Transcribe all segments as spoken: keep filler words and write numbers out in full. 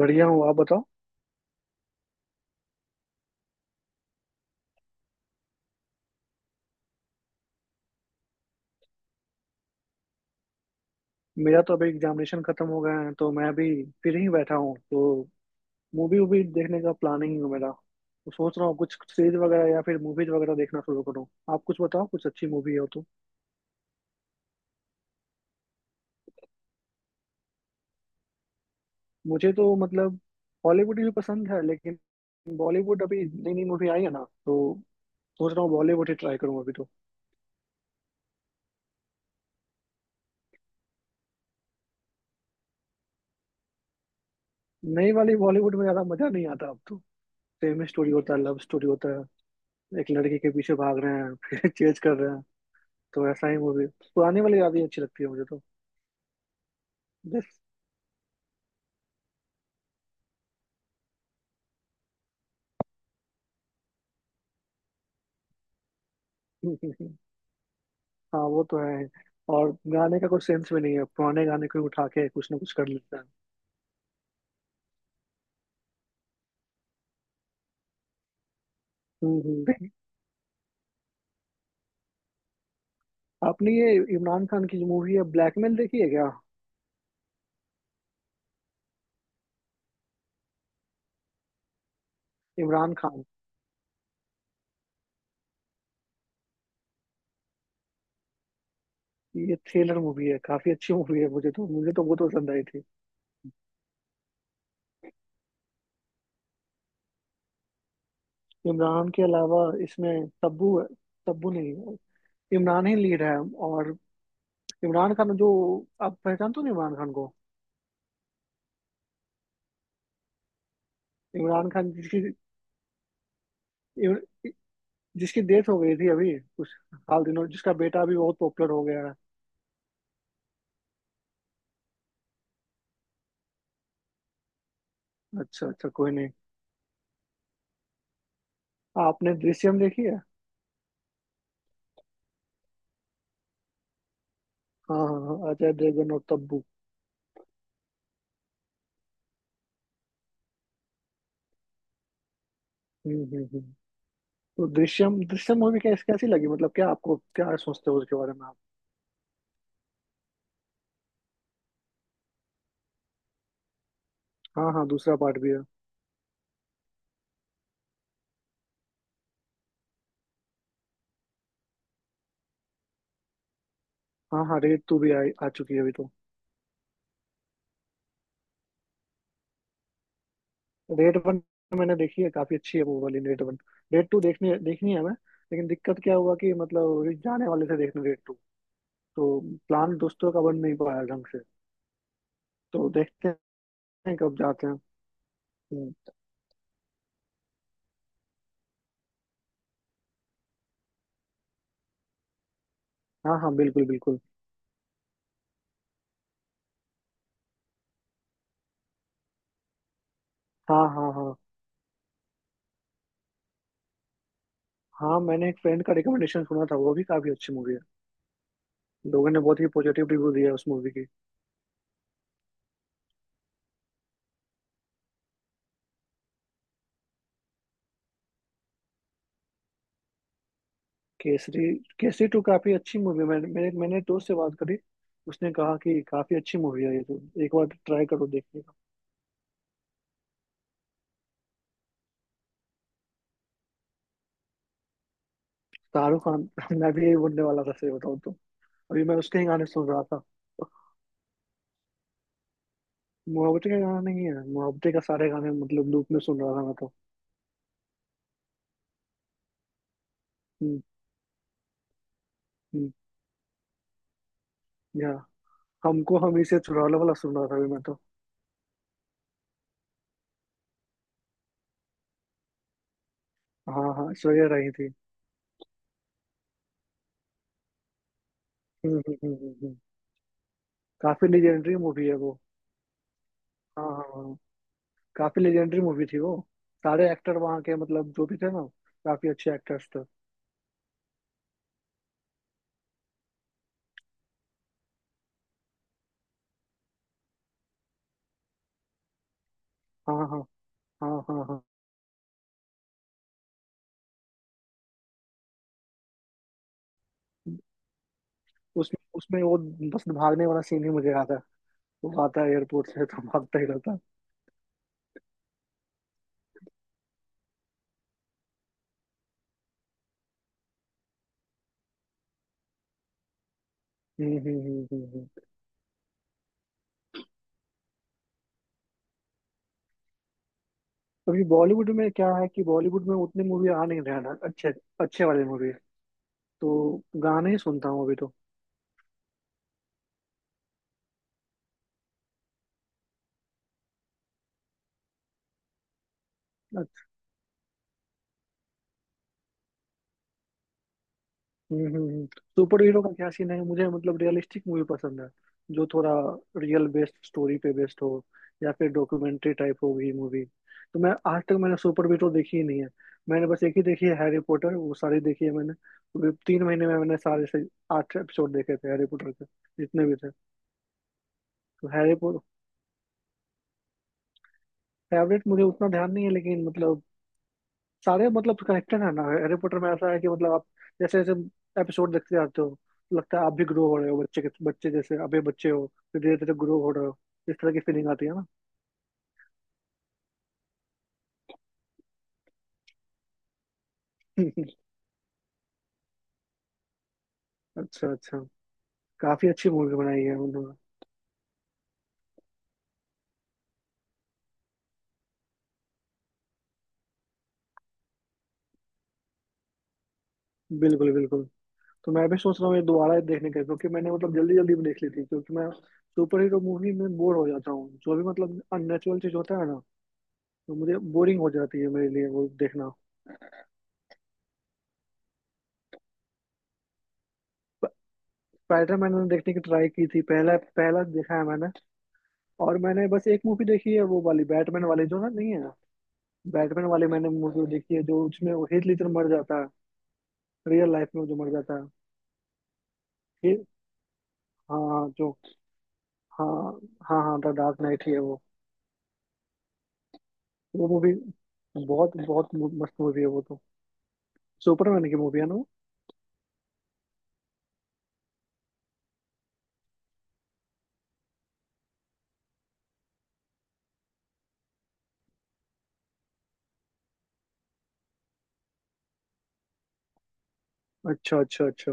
बढ़िया हूँ। आप बताओ। मेरा तो अभी एग्जामिनेशन खत्म हो गया है, तो मैं अभी फिर ही बैठा हूँ। तो मूवी वूवी देखने का प्लानिंग है मेरा। तो सोच रहा हूँ कुछ सीरीज वगैरह या फिर मूवीज वगैरह देखना शुरू करूँ। आप कुछ बताओ, कुछ अच्छी मूवी हो तो। मुझे तो मतलब हॉलीवुड भी पसंद है, लेकिन बॉलीवुड अभी नई नई मूवी आई है ना, तो सोच रहा हूँ बॉलीवुड ही ट्राई करूँ अभी तो। नई वाली बॉलीवुड में ज्यादा मजा नहीं आता अब तो। सेम स्टोरी होता है, लव स्टोरी होता है। एक लड़की के पीछे भाग रहे हैं फिर चेज कर रहे हैं। तो ऐसा ही मूवी। पुरानी वाली यादें अच्छी लगती है मुझे तो। बस। हाँ, वो तो है। और गाने का कोई सेंस भी नहीं है। पुराने गाने को उठा के कुछ ना कुछ कर लेता है। हम्म, हम्म। आपने ये इमरान खान की जो मूवी है ब्लैकमेल देखी है क्या? इमरान खान। ये थ्रिलर मूवी है, काफी अच्छी मूवी है। मुझे तो मुझे तो बहुत पसंद आई थी। इमरान के अलावा इसमें तब्बू है। तब्बू नहीं, इमरान ही लीड है। और इमरान खान जो, आप पहचानते हो ना इमरान खान को? इमरान खान जिसकी जिसकी डेथ हो गई थी अभी कुछ हाल दिनों, जिसका बेटा अभी बहुत पॉपुलर हो गया है। अच्छा अच्छा, कोई नहीं। हाँ, आपने दृश्यम देखी है? हाँ हाँ हाँ, अजय देवगन और तब्बू। हम्म हम्म हम्म। तो दृश्यम दृश्यम मूवी कैसी कैसी लगी, मतलब क्या आपको क्या सोचते हो उसके बारे में आप? हाँ हाँ, दूसरा पार्ट भी है। हाँ हाँ, रेड टू भी आ, आ चुकी है अभी तो। रेड वन मैंने देखी है, काफी अच्छी है वो वाली रेड वन। रेड टू देखनी देखनी है मैं। लेकिन दिक्कत क्या हुआ कि मतलब अभी जाने वाले थे देखने रेड टू, तो प्लान दोस्तों का बन नहीं पाया ढंग से, तो देखते हैं कब जाते हैं। हम्म। हाँ हाँ, बिल्कुल बिल्कुल। हाँ हाँ हाँ हाँ। मैंने एक फ्रेंड का रिकमेंडेशन सुना था, वो भी काफी अच्छी मूवी है। लोगों ने बहुत ही पॉजिटिव रिव्यू दिया है उस मूवी की। केसरी। केसरी टू काफी अच्छी मूवी है। मैंने मैंने मैंने एक दोस्त से बात करी। उसने कहा कि काफी अच्छी मूवी है ये तो। एक बार ट्राई करो देखने का। शाहरुख खान। मैं भी यही बोलने वाला था, सही बताऊँ तो। अभी मैं उसके ही गाने सुन रहा था। मुहब्बतें का गाना नहीं है, मुहब्बतें का सारे गाने मतलब लूप में सुन रहा था मैं तो। हम्म, हम्म। या हमको हम इसे चुरा लो वाला सुन रहा था अभी मैं तो। हाँ हाँ, श्रेया रही थी। हम्म, हम्म, हम्म, हम्म, हम्म। काफी लेजेंडरी मूवी है वो। हाँ हाँ हाँ, काफी लेजेंडरी मूवी थी वो। सारे एक्टर वहाँ के मतलब जो भी थे ना, काफी अच्छे एक्टर्स थे। हाँ हाँ हाँ हाँ हाँ। उसमें उसमें वो बस भागने वाला सीन ही मुझे याद है। वो आता है एयरपोर्ट से तो भागता ही रहता है। हम्म हम्म हम्म हम्म, हम्म। अभी बॉलीवुड में क्या है कि बॉलीवुड में उतनी मूवी आ नहीं रहा ना अच्छे, अच्छे वाले मूवी। तो गाने ही सुनता हूँ अभी तो। हम्म हम्म, हम्म। सुपर हीरो का क्या सीन है? मुझे मतलब रियलिस्टिक मूवी पसंद है, जो थोड़ा रियल बेस्ड स्टोरी पे बेस्ड हो, या फिर डॉक्यूमेंट्री टाइप हो गई मूवी। तो मैं आज तक मैंने सुपर हीरो देखी ही नहीं है। मैंने बस एक ही देखी है हैरी पॉटर। वो सारी देखी है मैंने। तो भी तीन महीने में मैंने सारे से आठ एपिसोड देखे थे हैरी पॉटर के, जितने भी थे। तो हैरी पॉटर। फेवरेट मुझे उतना ध्यान नहीं है, लेकिन मतलब सारे मतलब कनेक्टेड है ना। हैरी पॉटर में ऐसा है कि मतलब आप जैसे जैसे एपिसोड देखते जाते हो, तो लगता है आप भी ग्रो हो रहे हो। बच्चे के बच्चे, जैसे अभी बच्चे हो, फिर धीरे धीरे ग्रो हो रहे हो। इस तरह की फीलिंग आती है ना। अच्छा अच्छा। काफी अच्छी मूवी बनाई है उन्होंने। बिल्कुल बिल्कुल। तो मैं भी सोच रहा हूँ ये दोबारा ही देखने का, क्योंकि मैंने मतलब जल्दी जल्दी में देख ली थी, क्योंकि मैं सुपर हीरो मूवी में बोर हो जाता हूँ। जो भी मतलब अननेचुरल चीज होता है ना, तो मुझे बोरिंग हो जाती है, मेरे लिए वो देखना। स्पाइडर मैंने देखने की ट्राई की थी, पहला पहला देखा है मैंने। और मैंने बस एक मूवी देखी है वो वाली बैटमैन वाली, जो ना नहीं है बैटमैन वाली। मैंने मूवी देखी है जो, उसमें वो हीथ ledger मर जाता है, रियल लाइफ में जो मर जाता है। हे- हाँ हाँ, जो। हाँ हाँ हाँ, द डार्क नाइट ही है वो। वो मूवी बहुत बहुत मस्त मूवी है वो तो। सुपरमैन की मूवी है ना वो? अच्छा अच्छा अच्छा।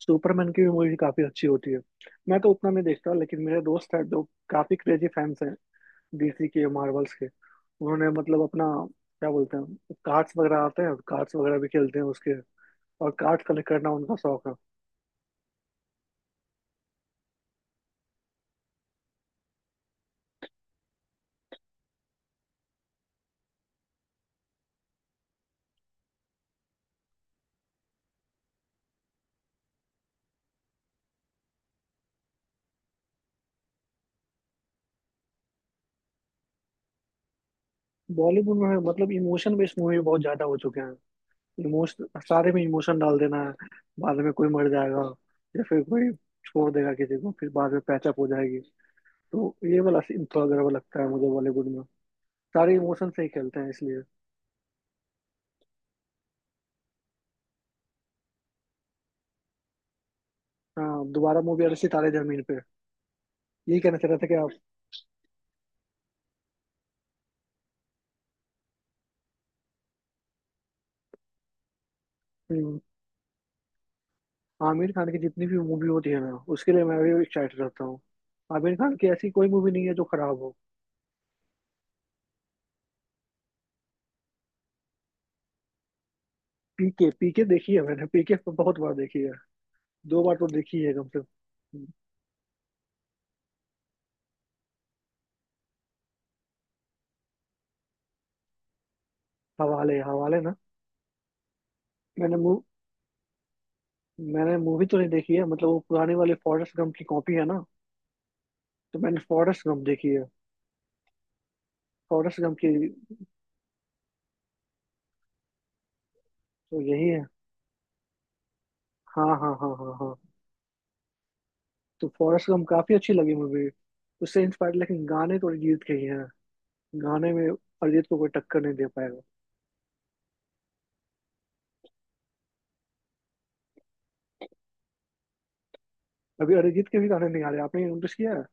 सुपरमैन की भी मूवी काफी अच्छी होती है। मैं तो उतना नहीं देखता, लेकिन मेरे दोस्त हैं जो काफी क्रेजी फैंस हैं डीसी के मार्वल्स के। उन्होंने मतलब अपना क्या बोलते हैं, कार्ड्स वगैरह आते हैं, कार्ड्स वगैरह भी खेलते हैं उसके। और कार्ड कलेक्ट करना उनका शौक है। बॉलीवुड में मतलब इमोशन बेस्ड मूवी बहुत ज्यादा हो चुके हैं। इमोशन सारे में इमोशन डाल देना है। बाद में कोई मर जाएगा, या फिर कोई छोड़ देगा किसी को, फिर बाद में पैचअप हो जाएगी। तो ये वाला सीन थोड़ा गड़बड़ लगता है मुझे बॉलीवुड में। सारे इमोशन से ही खेलते हैं इसलिए। हाँ, दोबारा मूवी आ रही थी तारे जमीन पे। यही कहना चाह रहा था कि आप। हम्म। आमिर खान की जितनी भी मूवी होती है ना, उसके लिए मैं भी एक्साइटेड रहता हूँ। आमिर खान की ऐसी कोई मूवी नहीं है जो खराब हो। पीके, पीके देखी है मैंने। पीके बहुत बार देखी है। दो बार तो देखी है कम से कम। हवाले हवाले ना। मैंने मूव मैंने मूवी तो नहीं देखी है, मतलब वो पुराने वाले फॉरेस्ट गम की कॉपी है ना। तो मैंने फॉरेस्ट गम देखी है। फॉरेस्ट गम की। तो यही है। हाँ हाँ हाँ हाँ हाँ। तो फॉरेस्ट गम काफी अच्छी लगी मूवी। उससे इंस्पायर, लेकिन गाने तो अरिजीत के ही हैं। गाने में अरिजीत को कोई टक्कर नहीं दे पाएगा। अभी अरिजीत के भी गाने नहीं आ रहे, आपने नोटिस किया है?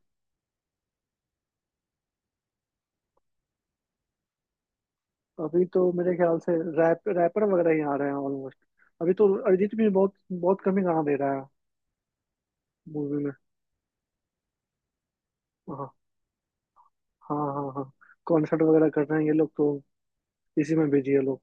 अभी तो मेरे ख्याल से रैप रैपर वगैरह ही आ रहे हैं ऑलमोस्ट। अभी तो अरिजीत भी बहुत बहुत कम ही गाना दे रहा है। मूवी में। हाँ हाँ हाँ हाँ। कॉन्सर्ट वगैरह कर रहे हैं ये लोग तो। इसी में बिजी है लोग।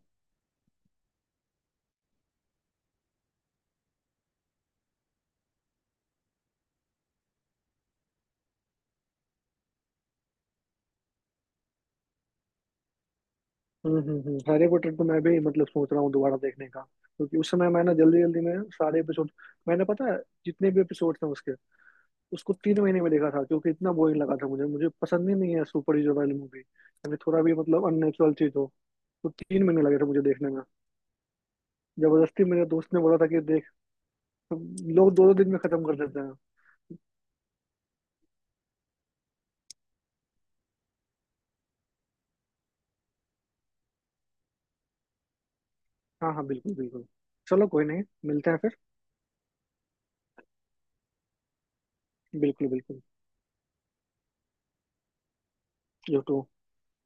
हम्म हम्म हम्म। हैरी पॉटर तो मैं भी मतलब सोच रहा हूँ दोबारा देखने का, क्योंकि उस समय मैंने जल्दी जल्दी में सारे एपिसोड, मैंने पता है, जितने भी एपिसोड थे उसके, उसको तीन महीने में देखा था, क्योंकि इतना बोरिंग लगा था मुझे। मुझे पसंद ही नहीं है सुपर हीरो वाली मूवी। यानी थोड़ा भी मतलब अननेचुरल चीज हो, तो तीन महीने लगे थे मुझे देखने में। जबरदस्ती मेरे दोस्त ने बोला था कि देख। तो लोग दो दो दिन में खत्म कर देते हैं। हाँ हाँ, बिल्कुल बिल्कुल। चलो, कोई नहीं। मिलते हैं फिर। बिल्कुल बिल्कुल। You to.